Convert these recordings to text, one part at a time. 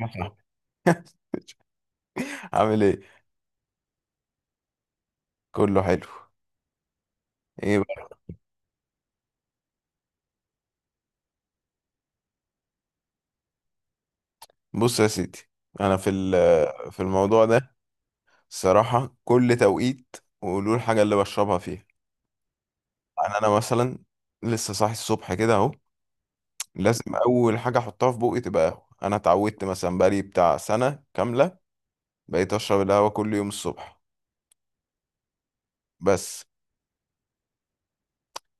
مثلا، عامل ايه؟ كله حلو. ايه بقى؟ بص يا سيدي، انا في الموضوع ده الصراحه كل توقيت وقولوا الحاجه اللي بشربها فيها. يعني انا مثلا لسه صاحي الصبح كده اهو، لازم اول حاجه احطها في بوقي تبقى قهوه. انا اتعودت مثلا بقالي بتاع سنه كامله بقيت اشرب القهوه كل يوم الصبح. بس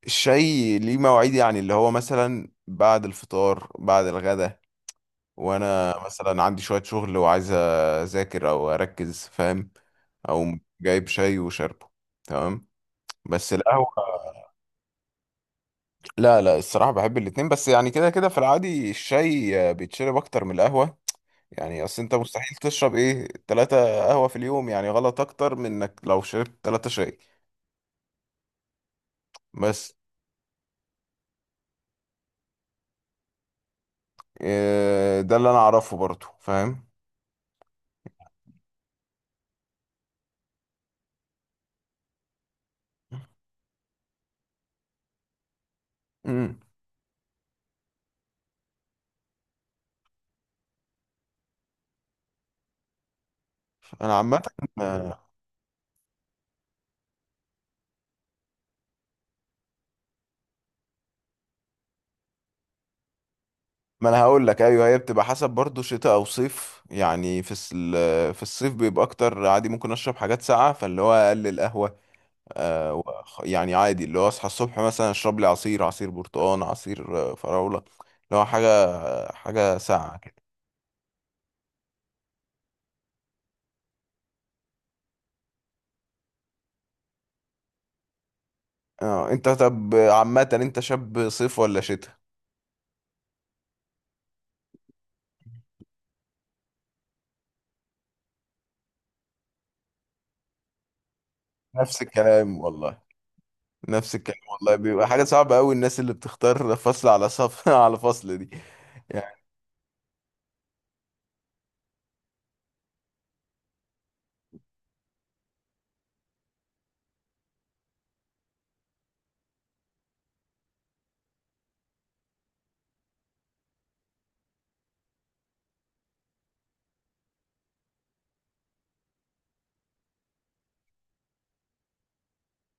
الشاي ليه مواعيد، يعني اللي هو مثلا بعد الفطار بعد الغدا، وانا مثلا عندي شوية شغل وعايز اذاكر او اركز، فاهم؟ او جايب شاي وشاربه، تمام، بس القهوة. لا لا، الصراحة بحب الاتنين، بس يعني كده كده في العادي الشاي بيتشرب أكتر من القهوة. يعني أصل أنت مستحيل تشرب إيه، تلاتة قهوة في اليوم، يعني غلط أكتر من إنك لو شربت تلاتة شاي. بس إيه، ده اللي أنا أعرفه برضو، فاهم؟ مم. أنا عامة، ما انا هقول لك ايوه، هي بتبقى حسب برضو شتاء او صيف. يعني في الصيف بيبقى اكتر عادي، ممكن اشرب حاجات ساقعه، فاللي هو اقلل قهوه. يعني عادي اللي هو اصحى الصبح مثلا اشرب لي عصير، عصير برتقال، عصير آه، فراوله، اللي هو حاجه، حاجه ساقعه كده. اه انت طب عامه انت شاب صيف ولا شتاء؟ نفس الكلام والله، نفس الكلام والله، بيبقى حاجه صعبه قوي الناس اللي بتختار فصل على صف على فصل دي.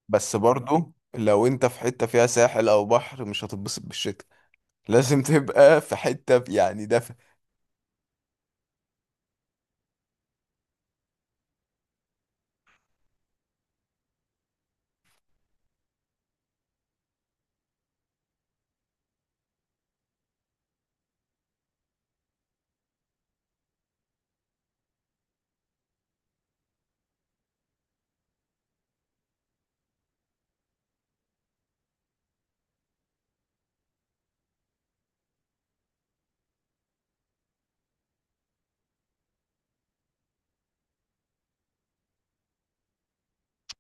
بس برضو لو انت في حتة فيها ساحل او بحر مش هتتبسط بالشتاء، لازم تبقى في حتة يعني دفا.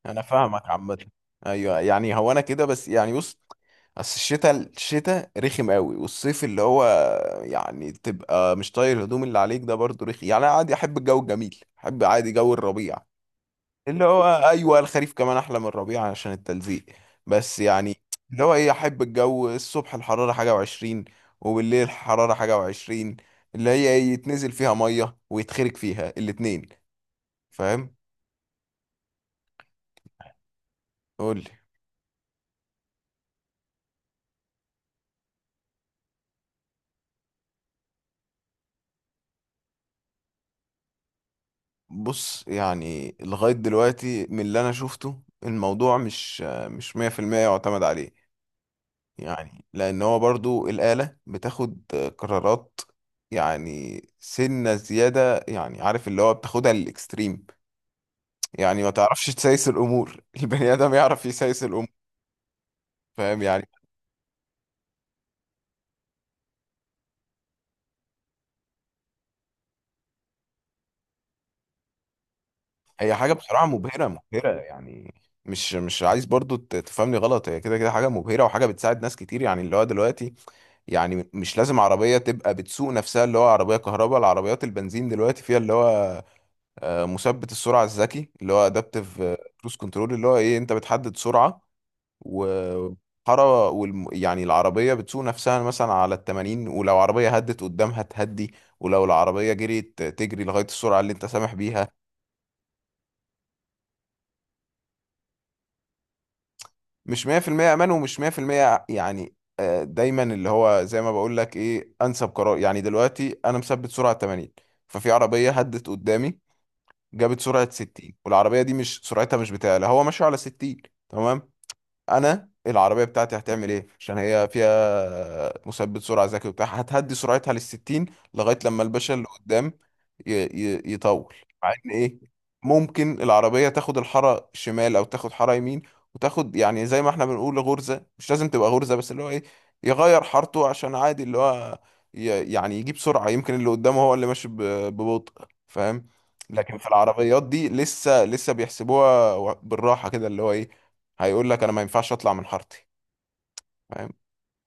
انا فاهمك عامة. ايوه يعني، هو انا كده، بس يعني بص، اصل الشتاء رخم قوي، والصيف اللي هو يعني تبقى مش طاير الهدوم اللي عليك ده برضو رخي. يعني انا عادي احب الجو الجميل، احب عادي جو الربيع. اللي هو ايوه الخريف كمان احلى من الربيع عشان التلزيق. بس يعني اللي هو ايه، احب الجو الصبح الحراره حاجه وعشرين، وبالليل الحراره حاجه وعشرين، اللي هي إيه، يتنزل فيها ميه ويتخرج فيها الاتنين، فاهم؟ قول لي. بص، يعني لغايه دلوقتي من اللي انا شفته، الموضوع مش 100% يعتمد عليه. يعني لان هو برضو الاله بتاخد قرارات، يعني سنه زياده، يعني عارف اللي هو بتاخدها للاكستريم، يعني ما تعرفش تسايس الامور. البني ادم يعرف يسايس الامور، فاهم يعني. هي حاجه بصراحه مبهره، مبهره يعني. مش عايز برضو تفهمني غلط، هي كده كده حاجه مبهره وحاجه بتساعد ناس كتير، يعني اللي هو دلوقتي يعني مش لازم عربيه تبقى بتسوق نفسها. اللي هو عربيه كهرباء، العربيات البنزين دلوقتي فيها اللي هو آه، مثبت السرعه الذكي اللي هو ادابتيف كروز كنترول، اللي هو ايه، انت بتحدد سرعه وحارة يعني العربية بتسوق نفسها مثلا على التمانين، ولو عربية هدت قدامها تهدي، ولو العربية جريت تجري لغاية السرعة اللي انت سامح بيها. مش 100% أمان ومش 100% يعني آه، دايما اللي هو زي ما بقول لك، ايه أنسب قرار؟ يعني دلوقتي أنا مثبت سرعة 80، ففي عربية هدت قدامي جابت سرعة 60، والعربية دي مش سرعتها، مش بتاعي، لا هو ماشي على 60، تمام. انا العربيه بتاعتي هتعمل ايه؟ عشان هي فيها مثبت سرعه ذكي وبتاع، هتهدي سرعتها للستين لغايه لما الباشا اللي قدام يطول. مع ان ايه، ممكن العربيه تاخد الحاره شمال او تاخد حاره يمين، وتاخد يعني زي ما احنا بنقول غرزه، مش لازم تبقى غرزه، بس اللي هو ايه، يغير حارته عشان عادي اللي هو ي... يعني يجيب سرعه، يمكن اللي قدامه هو اللي ماشي ببطء، فاهم. لكن في العربيات دي لسه بيحسبوها بالراحه كده، اللي هو ايه، هيقول لك انا ما ينفعش اطلع من حارتي، فاهم.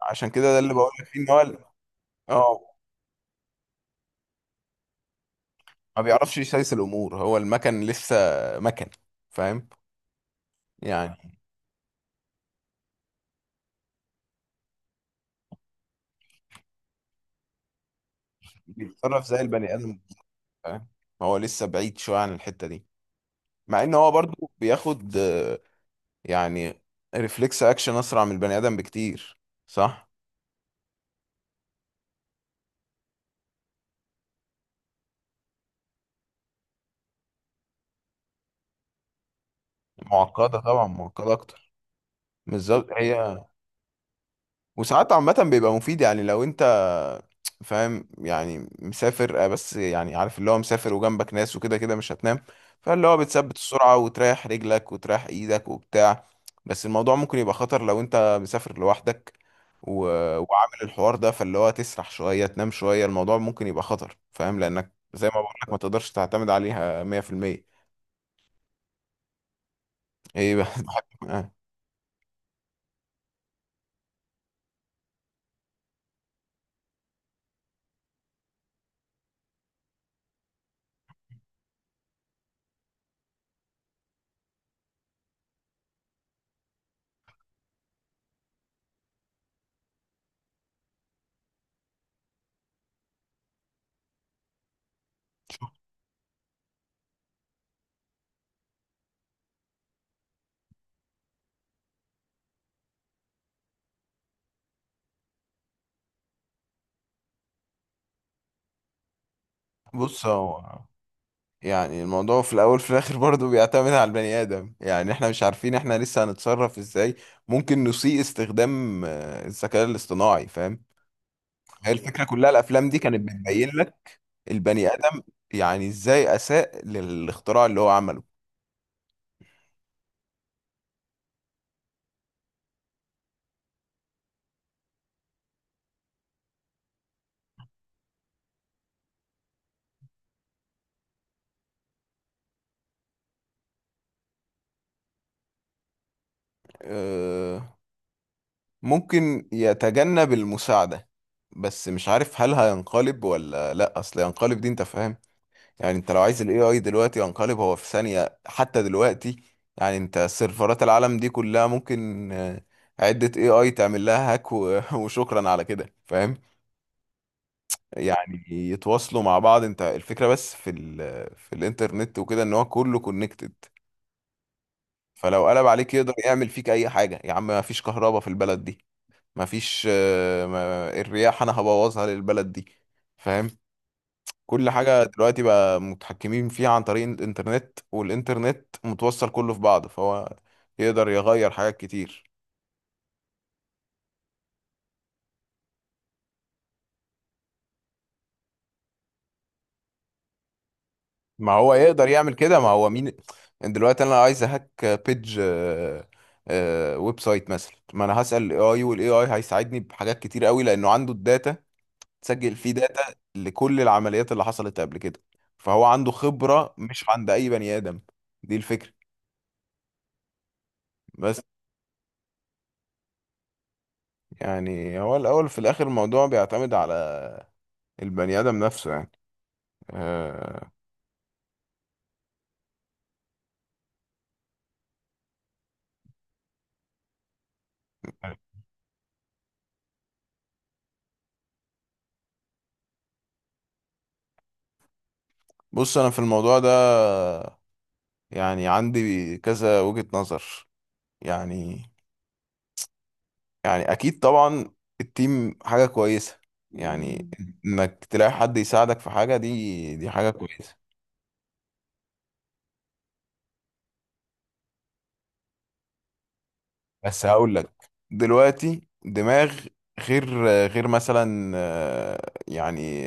عشان كده ده اللي بقول لك فيه ان هو اه ما بيعرفش يسيس الامور، هو المكن لسه مكن، فاهم يعني، بيتصرف زي البني ادم. فاهم، هو لسه بعيد شويه عن الحته دي. مع ان هو برضو بياخد آه، يعني ريفلكس اكشن اسرع من البني ادم بكتير. صح، معقده طبعا، معقده اكتر. بالظبط هي. وساعات عامه بيبقى مفيد، يعني لو انت فاهم يعني مسافر آه، بس يعني عارف، اللي هو مسافر وجنبك ناس وكده، كده مش هتنام، فاللي هو بتثبت السرعة وتريح رجلك وتريح ايدك وبتاع. بس الموضوع ممكن يبقى خطر لو انت مسافر لوحدك و... وعامل الحوار ده، فاللي هو تسرح شوية، تنام شوية، الموضوع ممكن يبقى خطر، فاهم، لأنك زي ما بقولك ما تقدرش تعتمد عليها 100%. ايه بقى؟ بحب آه. بص، هو يعني الموضوع في الاول في الاخر برضه بيعتمد على البني ادم، يعني احنا مش عارفين احنا لسه هنتصرف ازاي، ممكن نسيء استخدام آه، الذكاء الاصطناعي، فاهم. هي الفكره كلها الافلام دي كانت بتبين لك البني ادم يعني ازاي اساء للاختراع اللي هو عمله. آه، ممكن يتجنب المساعده، بس مش عارف هل هينقلب ولا لا. اصل ينقلب دي انت فاهم، يعني انت لو عايز الاي اي دلوقتي ينقلب هو في ثانية حتى دلوقتي. يعني انت سيرفرات العالم دي كلها ممكن آه، عدة اي اي تعمل لها هاك وشكرا على كده، فاهم، يعني يتواصلوا مع بعض. انت الفكرة بس في الانترنت وكده ان هو كله كونكتد، فلو قلب عليك يقدر يعمل فيك اي حاجة يا عم. ما فيش كهرباء في البلد دي، ما فيش آه، الرياح، انا هبوظها للبلد دي، فاهم. كل حاجة دلوقتي بقى متحكمين فيها عن طريق الإنترنت، والإنترنت متوصل كله في بعضه، فهو يقدر يغير حاجات كتير. ما هو يقدر يعمل كده، ما هو مين. يعني دلوقتي أنا عايز أهك بيج آه، آه، ويب سايت مثلا، ما أنا هسأل ال AI وال AI هيساعدني بحاجات كتير قوي لأنه عنده الداتا، تسجل فيه داتا لكل العمليات اللي حصلت قبل كده، فهو عنده خبرة مش عند أي بني آدم. دي الفكرة. بس يعني هو الأول في الآخر الموضوع بيعتمد على البني آدم نفسه يعني آه، بص، أنا في الموضوع ده يعني عندي كذا وجهة نظر. يعني، يعني أكيد طبعا التيم حاجة كويسة، يعني إنك تلاقي حد يساعدك في حاجة، دي دي حاجة كويسة. بس هقول لك، دلوقتي دماغ، غير مثلا آه، يعني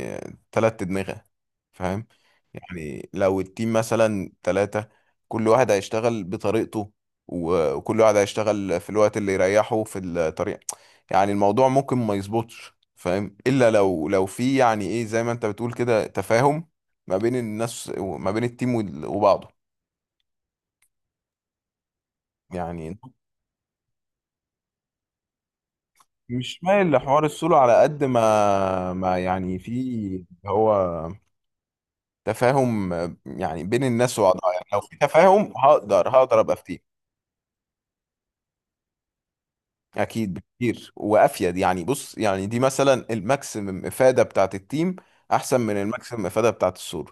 تلات أدمغة، فاهم. يعني لو التيم مثلا تلاتة، كل واحد هيشتغل بطريقته، وكل واحد هيشتغل في الوقت اللي يريحه في الطريق. يعني الموضوع ممكن ما يظبطش، فاهم، إلا لو في يعني إيه، زي ما أنت بتقول كده، تفاهم ما بين الناس وما بين التيم وبعضه. يعني مش مايل لحوار السولو على قد ما ما يعني في هو تفاهم، يعني بين الناس وبعضها. يعني لو في تفاهم هقدر، هقدر ابقى في تيم اكيد بكتير وافيد. يعني بص، يعني دي مثلا الماكسيمم افاده بتاعت التيم احسن من الماكسيمم افاده بتاعت السولو،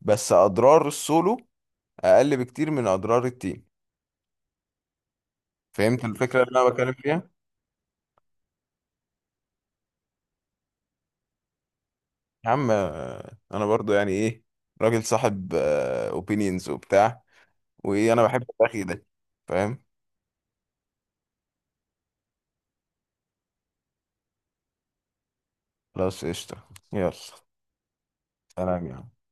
بس اضرار السولو اقل بكتير من اضرار التيم. فهمت الفكره اللي انا بتكلم فيها. يا عم آه، انا برضو يعني ايه، راجل صاحب اوبينينز وبتاع، وايه، انا بحب الاخي ده، فاهم. خلاص، قشطة، يلا سلام يا عم.